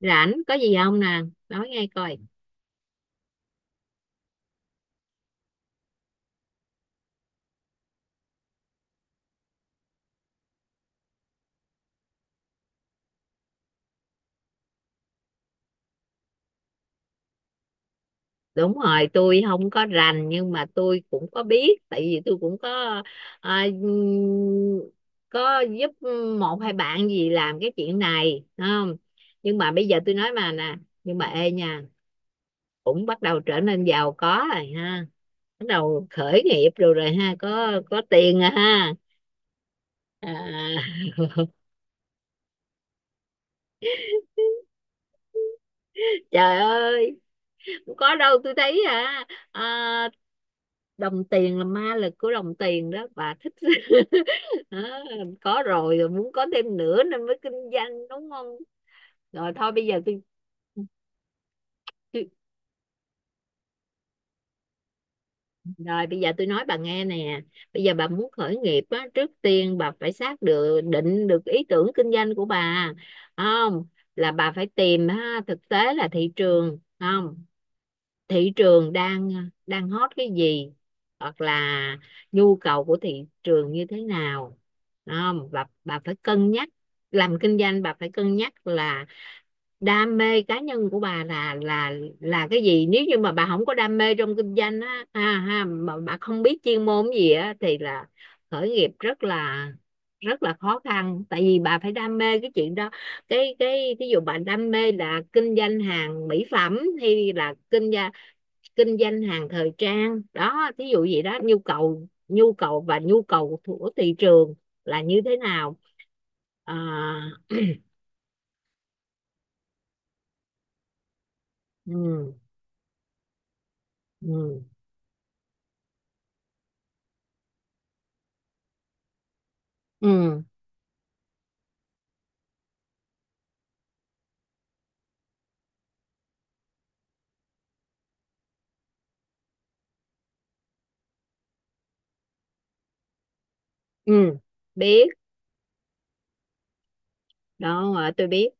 Rảnh, có gì không nè? Nói nghe coi. Đúng rồi, tôi không có rành nhưng mà tôi cũng có biết tại vì tôi cũng có, à, có giúp một hai bạn gì làm cái chuyện này không. Nhưng mà bây giờ tôi nói mà nè. Nhưng mà ê nha, cũng bắt đầu trở nên giàu có rồi ha. Bắt đầu khởi nghiệp rồi rồi ha, có tiền rồi ha. à, Trời ơi, có đâu tôi thấy à, à đồng tiền, là ma lực của đồng tiền đó bà thích Đó, có rồi rồi muốn có thêm nữa nên mới kinh doanh, đúng không? Rồi thôi, bây giờ tôi- rồi bây giờ tôi nói bà nghe nè. Bây giờ bà muốn khởi nghiệp á, trước tiên bà phải xác được định được ý tưởng kinh doanh của bà, không? Là bà phải tìm ha, thực tế là thị trường, không? Thị trường đang đang hot cái gì, hoặc là nhu cầu của thị trường như thế nào, không? Và bà phải cân nhắc, làm kinh doanh bà phải cân nhắc là đam mê cá nhân của bà là cái gì. Nếu như mà bà không có đam mê trong kinh doanh á, ha ha, mà bà không biết chuyên môn gì á thì là khởi nghiệp rất là khó khăn tại vì bà phải đam mê cái chuyện đó. Cái ví dụ bà đam mê là kinh doanh hàng mỹ phẩm hay là kinh doanh hàng thời trang đó, thí dụ vậy đó. Nhu cầu của thị trường là như thế nào. à, ừ, ừ, ừ, ừ, biết. Đó tôi biết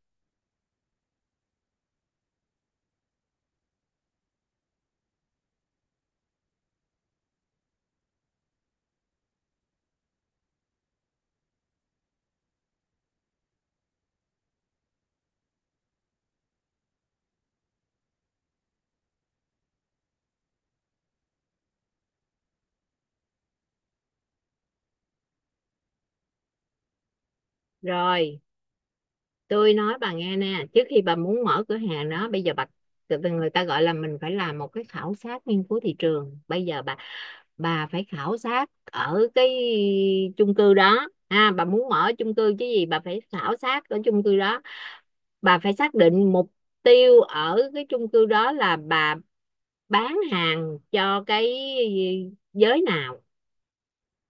rồi. Tôi nói bà nghe nè, trước khi bà muốn mở cửa hàng đó bây giờ bà người ta gọi là mình phải làm một cái khảo sát nghiên cứu thị trường. Bây giờ bà, phải khảo sát ở cái chung cư đó ha, bà muốn mở chung cư chứ gì, bà phải khảo sát ở chung cư đó. Bà phải xác định mục tiêu ở cái chung cư đó là bà bán hàng cho cái giới nào,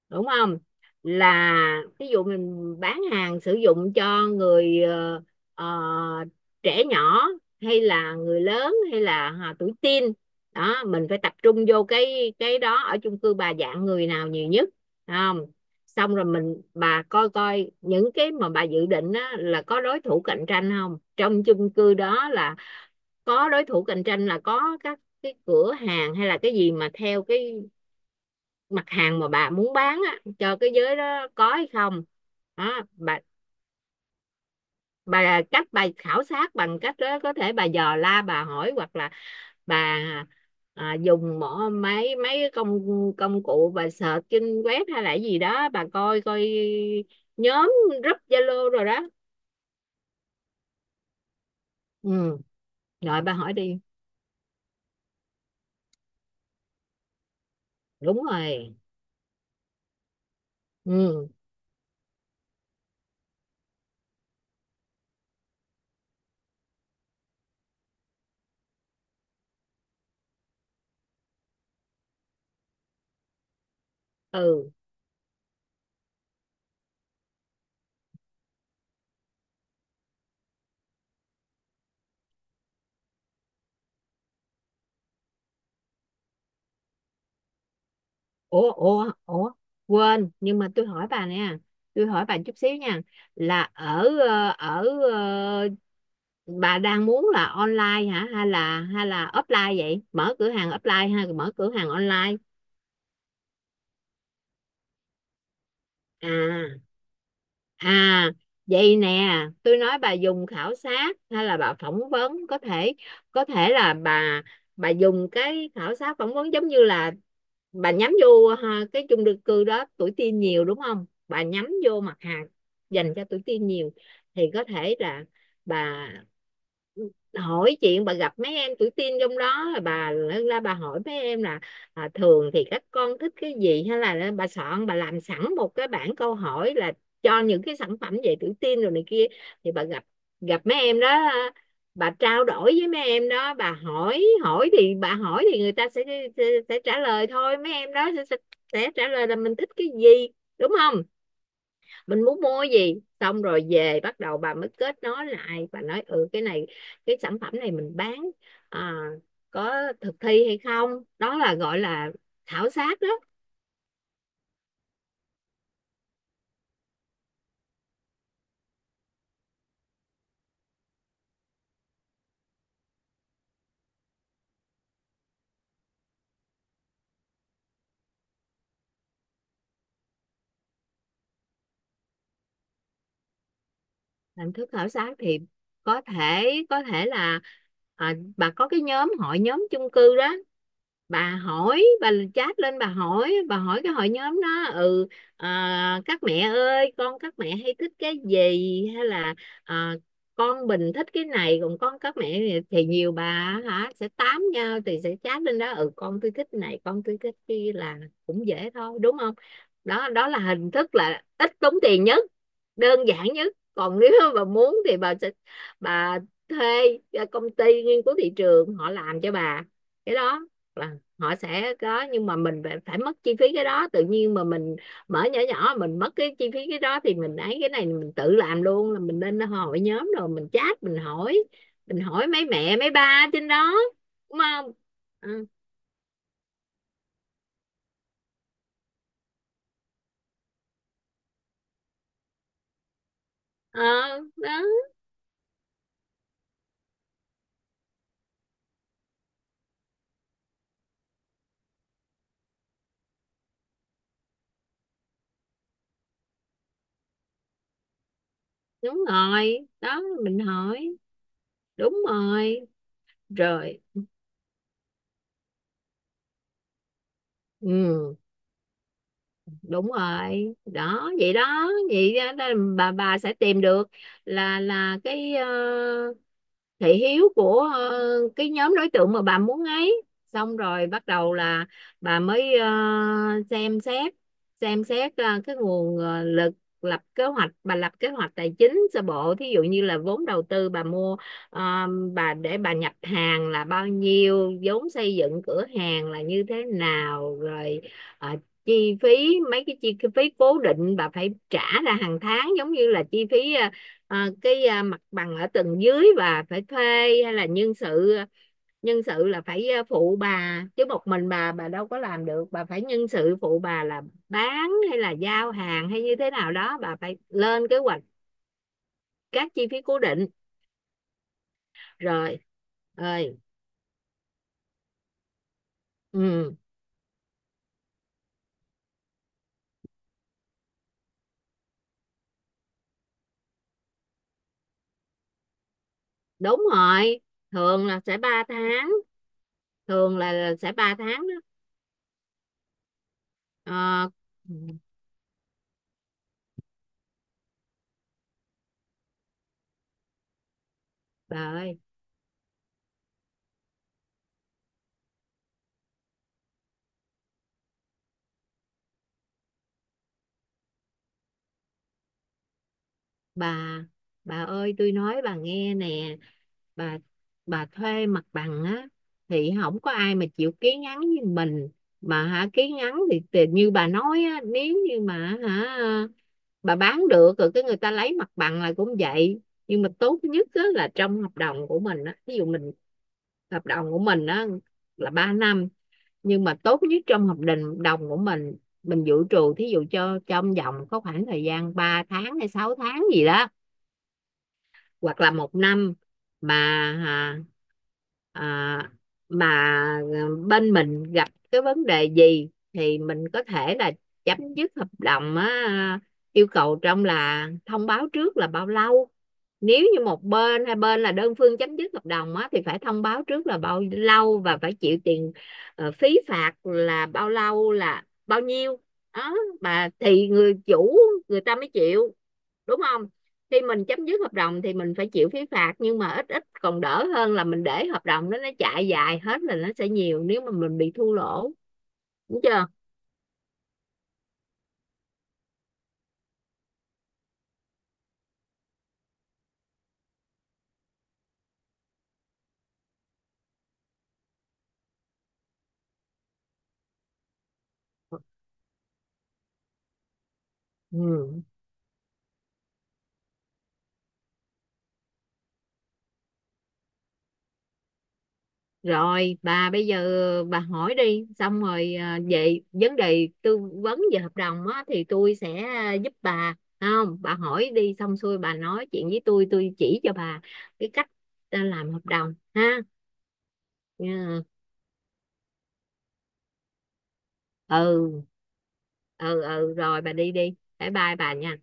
đúng không? Là ví dụ mình bán hàng sử dụng cho người ờ, trẻ nhỏ hay là người lớn hay là tuổi teen. Đó mình phải tập trung vô cái đó, ở chung cư bà dạng người nào nhiều nhất, phải không? Xong rồi mình bà coi coi những cái mà bà dự định á, là có đối thủ cạnh tranh không trong chung cư đó. Là có đối thủ cạnh tranh là có các cái cửa hàng hay là cái gì mà theo cái mặt hàng mà bà muốn bán á, cho cái giới đó có hay không, đó bà. Bà, cách bà khảo sát bằng cách đó, có thể bà dò la bà hỏi, hoặc là bà dùng mỏ mấy mấy công công cụ bà search trên web hay là gì đó, bà coi coi nhóm group Zalo rồi đó. Ừ, rồi bà hỏi đi. Đúng rồi. Ừ, ừ. Ủa ủa ủa quên, nhưng mà tôi hỏi bà nè. Tôi hỏi bà chút xíu nha, là ở ờ, bà đang muốn là online hả, hay là offline vậy, mở cửa hàng offline hay mở cửa hàng online? à À, Vậy nè, tôi nói bà dùng khảo sát hay là bà phỏng vấn. Có thể là bà dùng cái khảo sát phỏng vấn giống như là bà nhắm vô ha, cái chung cư cư đó tuổi teen nhiều, đúng không? Bà nhắm vô mặt hàng dành cho tuổi teen nhiều, thì có thể là bà hỏi chuyện, bà gặp mấy em tuổi teen trong đó, là bà lên ra bà hỏi mấy em là thường thì các con thích cái gì, hay là bà soạn bà làm sẵn một cái bảng câu hỏi là cho những cái sản phẩm về tự tin rồi này kia, thì bà gặp gặp mấy em đó, bà trao đổi với mấy em đó, bà hỏi hỏi thì bà hỏi thì người ta sẽ, sẽ trả lời thôi, mấy em đó sẽ trả lời là mình thích cái gì, đúng không? Mình muốn mua gì, xong rồi về bắt đầu bà mới kết nối lại và nói ừ cái này, cái sản phẩm này mình bán à, có thực thi hay không. Đó là gọi là khảo sát đó. Hình thức khảo sát thì có thể là bà có cái nhóm hội nhóm chung cư đó, bà hỏi bà chat lên, bà hỏi cái hội nhóm đó, ừ, các mẹ ơi, con các mẹ hay thích cái gì, hay là à, con Bình thích cái này còn con các mẹ thì nhiều bà hả, sẽ tám nhau thì sẽ chat lên đó, ừ con tôi thích này con tôi thích kia, là cũng dễ thôi, đúng không? Đó đó là hình thức là ít tốn tiền nhất, đơn giản nhất. Còn nếu bà muốn thì bà sẽ bà thuê công ty nghiên cứu thị trường họ làm cho bà. Cái đó là họ sẽ có, nhưng mà mình phải mất chi phí cái đó, tự nhiên mà mình mở nhỏ nhỏ mình mất cái chi phí cái đó thì mình ấy cái này mình tự làm luôn, là mình lên hội nhóm rồi mình chat mình hỏi mấy mẹ mấy ba trên đó, đúng không? Ừ, ờ, đó đúng rồi đó, mình hỏi, đúng rồi. Rồi. Ừ, đúng rồi đó, vậy đó, vậy đó, đó là bà sẽ tìm được là cái thị hiếu của cái nhóm đối tượng mà bà muốn ấy, xong rồi bắt đầu là bà mới xem xét, xem xét cái nguồn lực. Lập kế hoạch, bà lập kế hoạch tài chính sơ bộ, thí dụ như là vốn đầu tư bà mua ờ, bà để bà nhập hàng là bao nhiêu, vốn xây dựng cửa hàng là như thế nào, rồi ờ, chi phí, mấy cái chi phí cố định bà phải trả ra hàng tháng, giống như là chi phí Ờ, cái mặt bằng ở tầng dưới và phải thuê, hay là nhân sự. Nhân sự là phải phụ bà chứ, một mình bà đâu có làm được, bà phải nhân sự phụ bà là bán hay là giao hàng hay như thế nào đó, bà phải lên kế hoạch các chi phí cố định. Rồi ơi, ừ, đúng rồi, thường là sẽ 3 tháng, thường là sẽ 3 tháng đó. Ờ, ừ. Bà ơi, bà bà ơi, tôi nói bà nghe nè, bà bà thuê mặt bằng á thì không có ai mà chịu ký ngắn như mình mà hả. Ký ngắn thì như bà nói á, nếu như mà hả bà bán được rồi cái người ta lấy mặt bằng là cũng vậy. Nhưng mà tốt nhất á, là trong hợp đồng của mình á, ví dụ mình, hợp đồng của mình á là 3 năm. Nhưng mà tốt nhất trong hợp đồng đồng của mình dự trù thí dụ cho trong vòng có khoảng thời gian 3 tháng hay 6 tháng gì đó, hoặc là 1 năm, mà à, à, mà à, bên mình gặp cái vấn đề gì thì mình có thể là chấm dứt hợp đồng á, yêu cầu trong là thông báo trước là bao lâu. Nếu như một bên hai bên là đơn phương chấm dứt hợp đồng á thì phải thông báo trước là bao lâu, và phải chịu tiền phí phạt là bao lâu, là bao nhiêu, đó. Mà thì người chủ người ta mới chịu, đúng không? Khi mình chấm dứt hợp đồng thì mình phải chịu phí phạt, nhưng mà ít ít còn đỡ hơn là mình để hợp đồng đó nó chạy dài hết là nó sẽ nhiều, nếu mà mình bị thua lỗ, đúng chưa? Ừ. Rồi bà, bây giờ bà hỏi đi xong rồi về vấn đề tư vấn về hợp đồng á, thì tôi sẽ giúp bà, không bà hỏi đi xong xuôi bà nói chuyện với tôi chỉ cho bà cái cách làm hợp đồng ha. Yeah. Ừ, ừ, ừ, rồi bà đi đi, bye bye bà nha.